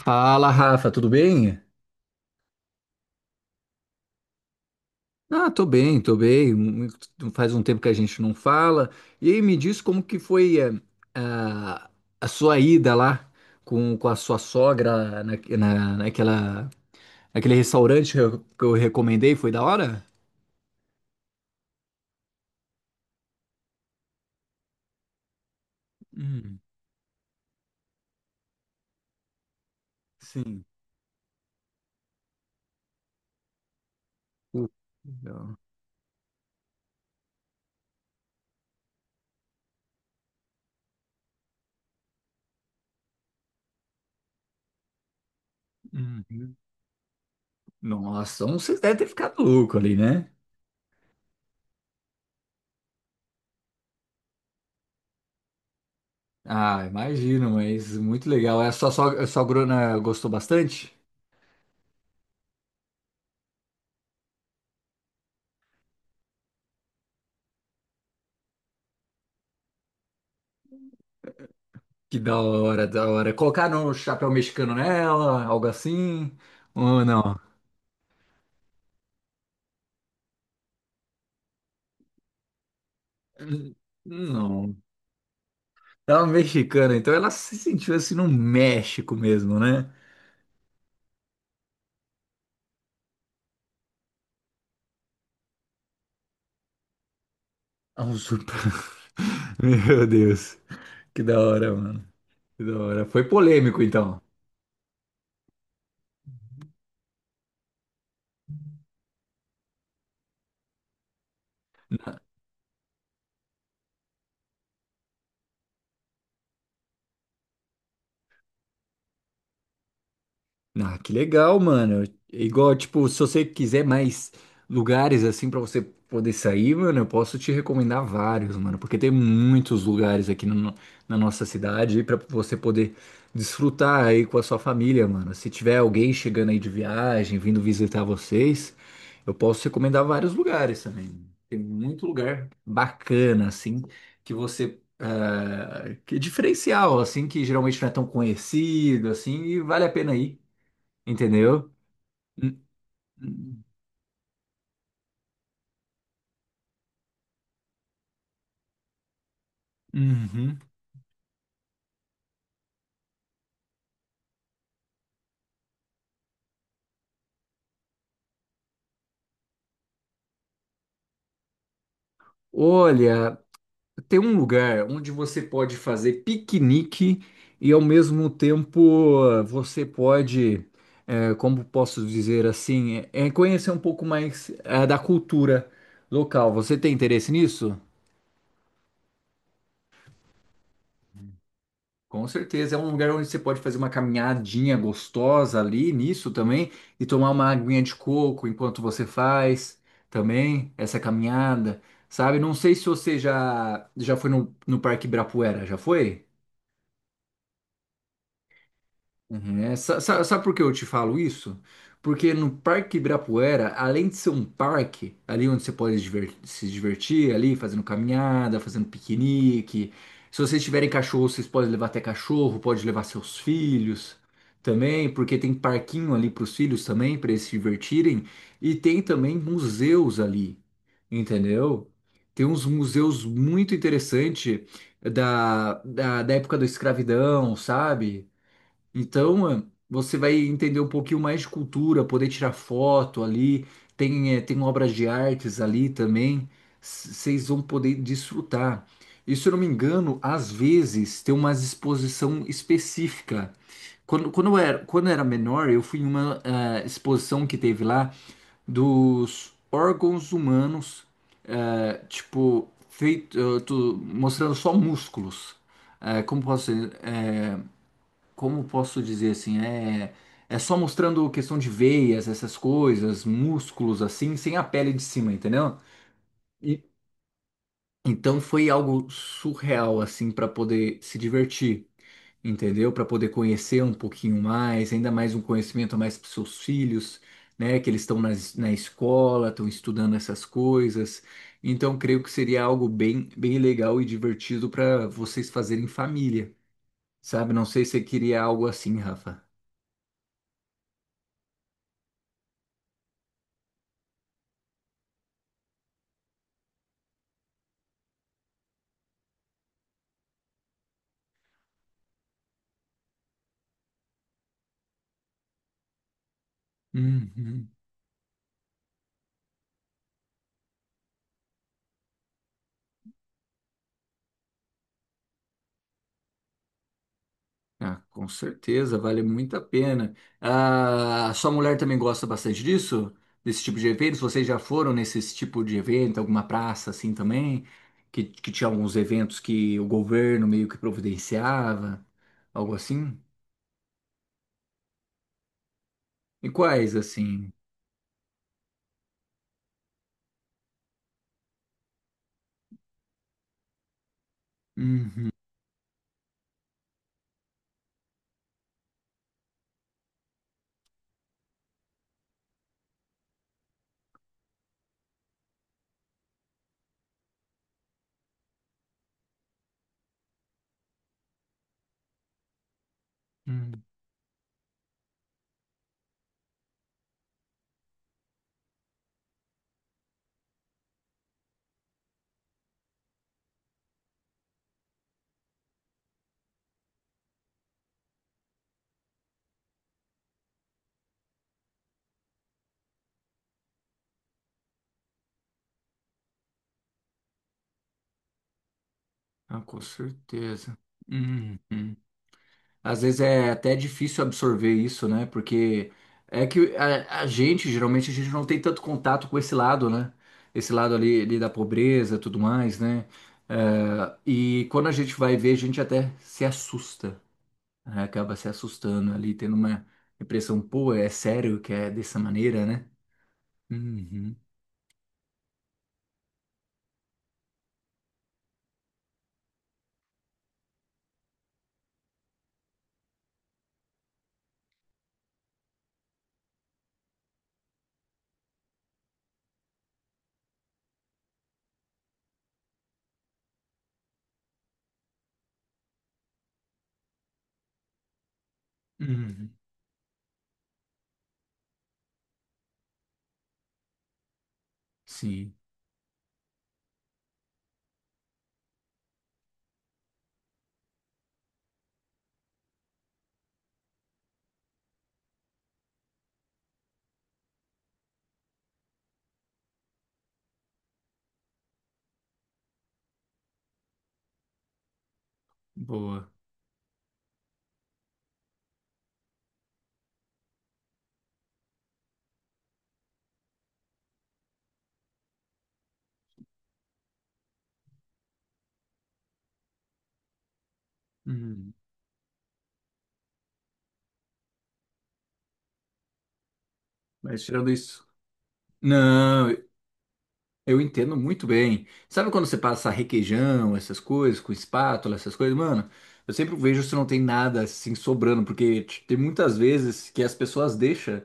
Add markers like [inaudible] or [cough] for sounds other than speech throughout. Fala, Rafa, tudo bem? Ah, tô bem, tô bem. Faz um tempo que a gente não fala. E aí, me diz como que foi a, a sua ida lá com a sua sogra naquela, naquele restaurante que eu recomendei, foi da hora? Hum, sim. Uh, legal. Uhum. Nossa, então vocês devem ter ficado louco ali, né? Ah, imagino, mas muito legal. É, a sua sogra, a sua grona gostou bastante? Que da hora, da hora. Colocaram um chapéu mexicano nela, algo assim? Ou não? Hum, não. Ela é mexicana, então ela se sentiu assim no México mesmo, né? A usurpa- [laughs] Meu Deus. Que da hora, mano. Que da hora. Foi polêmico, então. Ah, que legal, mano. Igual, tipo, se você quiser mais lugares assim pra você poder sair, mano, eu posso te recomendar vários, mano, porque tem muitos lugares aqui no- na nossa cidade aí para você poder desfrutar aí com a sua família, mano. Se tiver alguém chegando aí de viagem, vindo visitar vocês, eu posso recomendar vários lugares também. Tem muito lugar bacana assim que que é diferencial, assim, que geralmente não é tão conhecido, assim, e vale a pena ir. Entendeu? Hum, hum, uhum. Olha, tem um lugar onde você pode fazer piquenique e ao mesmo tempo eh, você pode, como posso dizer assim, conhecer um pouco mais da cultura local. Você tem interesse nisso? Com certeza, é um lugar onde você pode fazer uma caminhadinha gostosa ali nisso também e tomar uma aguinha de coco enquanto você faz também essa caminhada, sabe? Não sei se você já já foi no Parque Ibirapuera, já foi? Uhum. É, sabe por que eu te falo isso? Porque no Parque Ibirapuera, além de ser um parque, ali onde você pode se divertir, ali fazendo caminhada, fazendo piquenique. Se vocês tiverem cachorro, vocês podem levar até cachorro, pode levar seus filhos também, porque tem parquinho ali para os filhos também, para eles se divertirem. E tem também museus ali, entendeu? Tem uns museus muito interessantes da época da escravidão, sabe? Então, você vai entender um pouquinho mais de cultura, poder tirar foto ali, tem obras de artes ali também, vocês vão poder desfrutar. E se eu não me engano, às vezes tem uma exposição específica. Quando eu era menor, eu fui em uma exposição que teve lá dos órgãos humanos, tipo, feito, mostrando só músculos. Como posso dizer? Como posso dizer assim, é, é só mostrando questão de veias, essas coisas, músculos assim, sem a pele de cima, entendeu? E, então foi algo surreal assim para poder se divertir, entendeu? Para poder conhecer um pouquinho mais, ainda mais um conhecimento a mais para seus filhos, né? Que eles estão na escola, estão estudando essas coisas. Então creio que seria algo bem, bem legal e divertido para vocês fazerem em família, sabe? Não sei se você queria algo assim, Rafa. Uhum. Ah, com certeza, vale muito a pena. Ah, sua mulher também gosta bastante disso? Desse tipo de eventos? Vocês já foram nesse tipo de evento, alguma praça assim também? Que tinha alguns eventos que o governo meio que providenciava, algo assim? E quais assim? Uhum, uhum. Ah, com certeza. Uhum. Às vezes é até difícil absorver isso, né? Porque é que a gente, geralmente, a gente não tem tanto contato com esse lado, né? Esse lado ali, ali da pobreza, tudo mais, né? É, e quando a gente vai ver, a gente até se assusta, né? Acaba se assustando ali, tendo uma impressão, pô, é sério que é dessa maneira, né? Uhum, uhum, sim, boa. Uhum. Mas tirando isso. Não, eu entendo muito bem. Sabe quando você passa requeijão, essas coisas, com espátula, essas coisas, mano? Eu sempre vejo se não tem nada assim sobrando, porque tem muitas vezes que as pessoas deixam,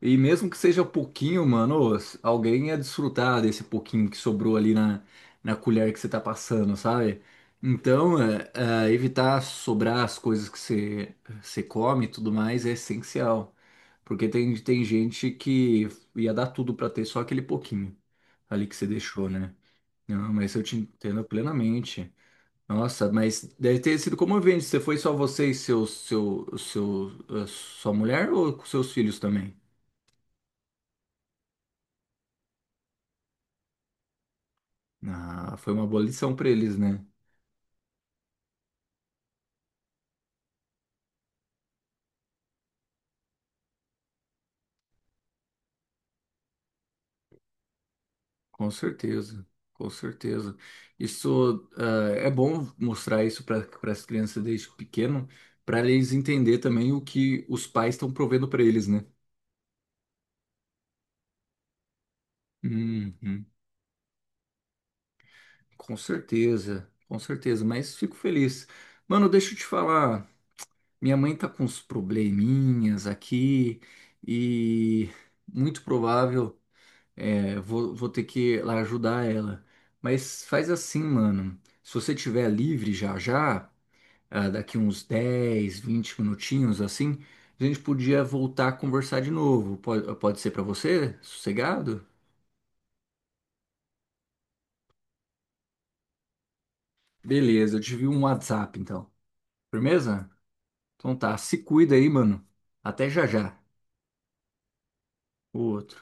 e mesmo que seja pouquinho, mano, ô, alguém ia desfrutar desse pouquinho que sobrou na colher que você tá passando, sabe? Então, é, evitar sobrar as coisas que você come e tudo mais é essencial. Porque tem gente que ia dar tudo pra ter só aquele pouquinho ali que você deixou, né? Não, mas eu te entendo plenamente. Nossa, mas deve ter sido comovente. Você foi só você e a sua mulher ou com seus filhos também? Ah, foi uma boa lição para eles, né? Com certeza, com certeza. Isso, ah, é bom mostrar isso para as crianças desde pequeno, para eles entender também o que os pais estão provendo para eles, né? Uhum, com certeza, com certeza. Mas fico feliz. Mano, deixa eu te falar. Minha mãe tá com uns probleminhas aqui e muito provável vou ter que ir lá ajudar ela. Mas faz assim, mano. Se você tiver livre já já, ah, daqui uns 10, 20 minutinhos assim, a gente podia voltar a conversar de novo. Pode ser pra você? Sossegado? Beleza, eu te vi um WhatsApp então. Firmeza? Então tá, se cuida aí, mano. Até já já. O Outro.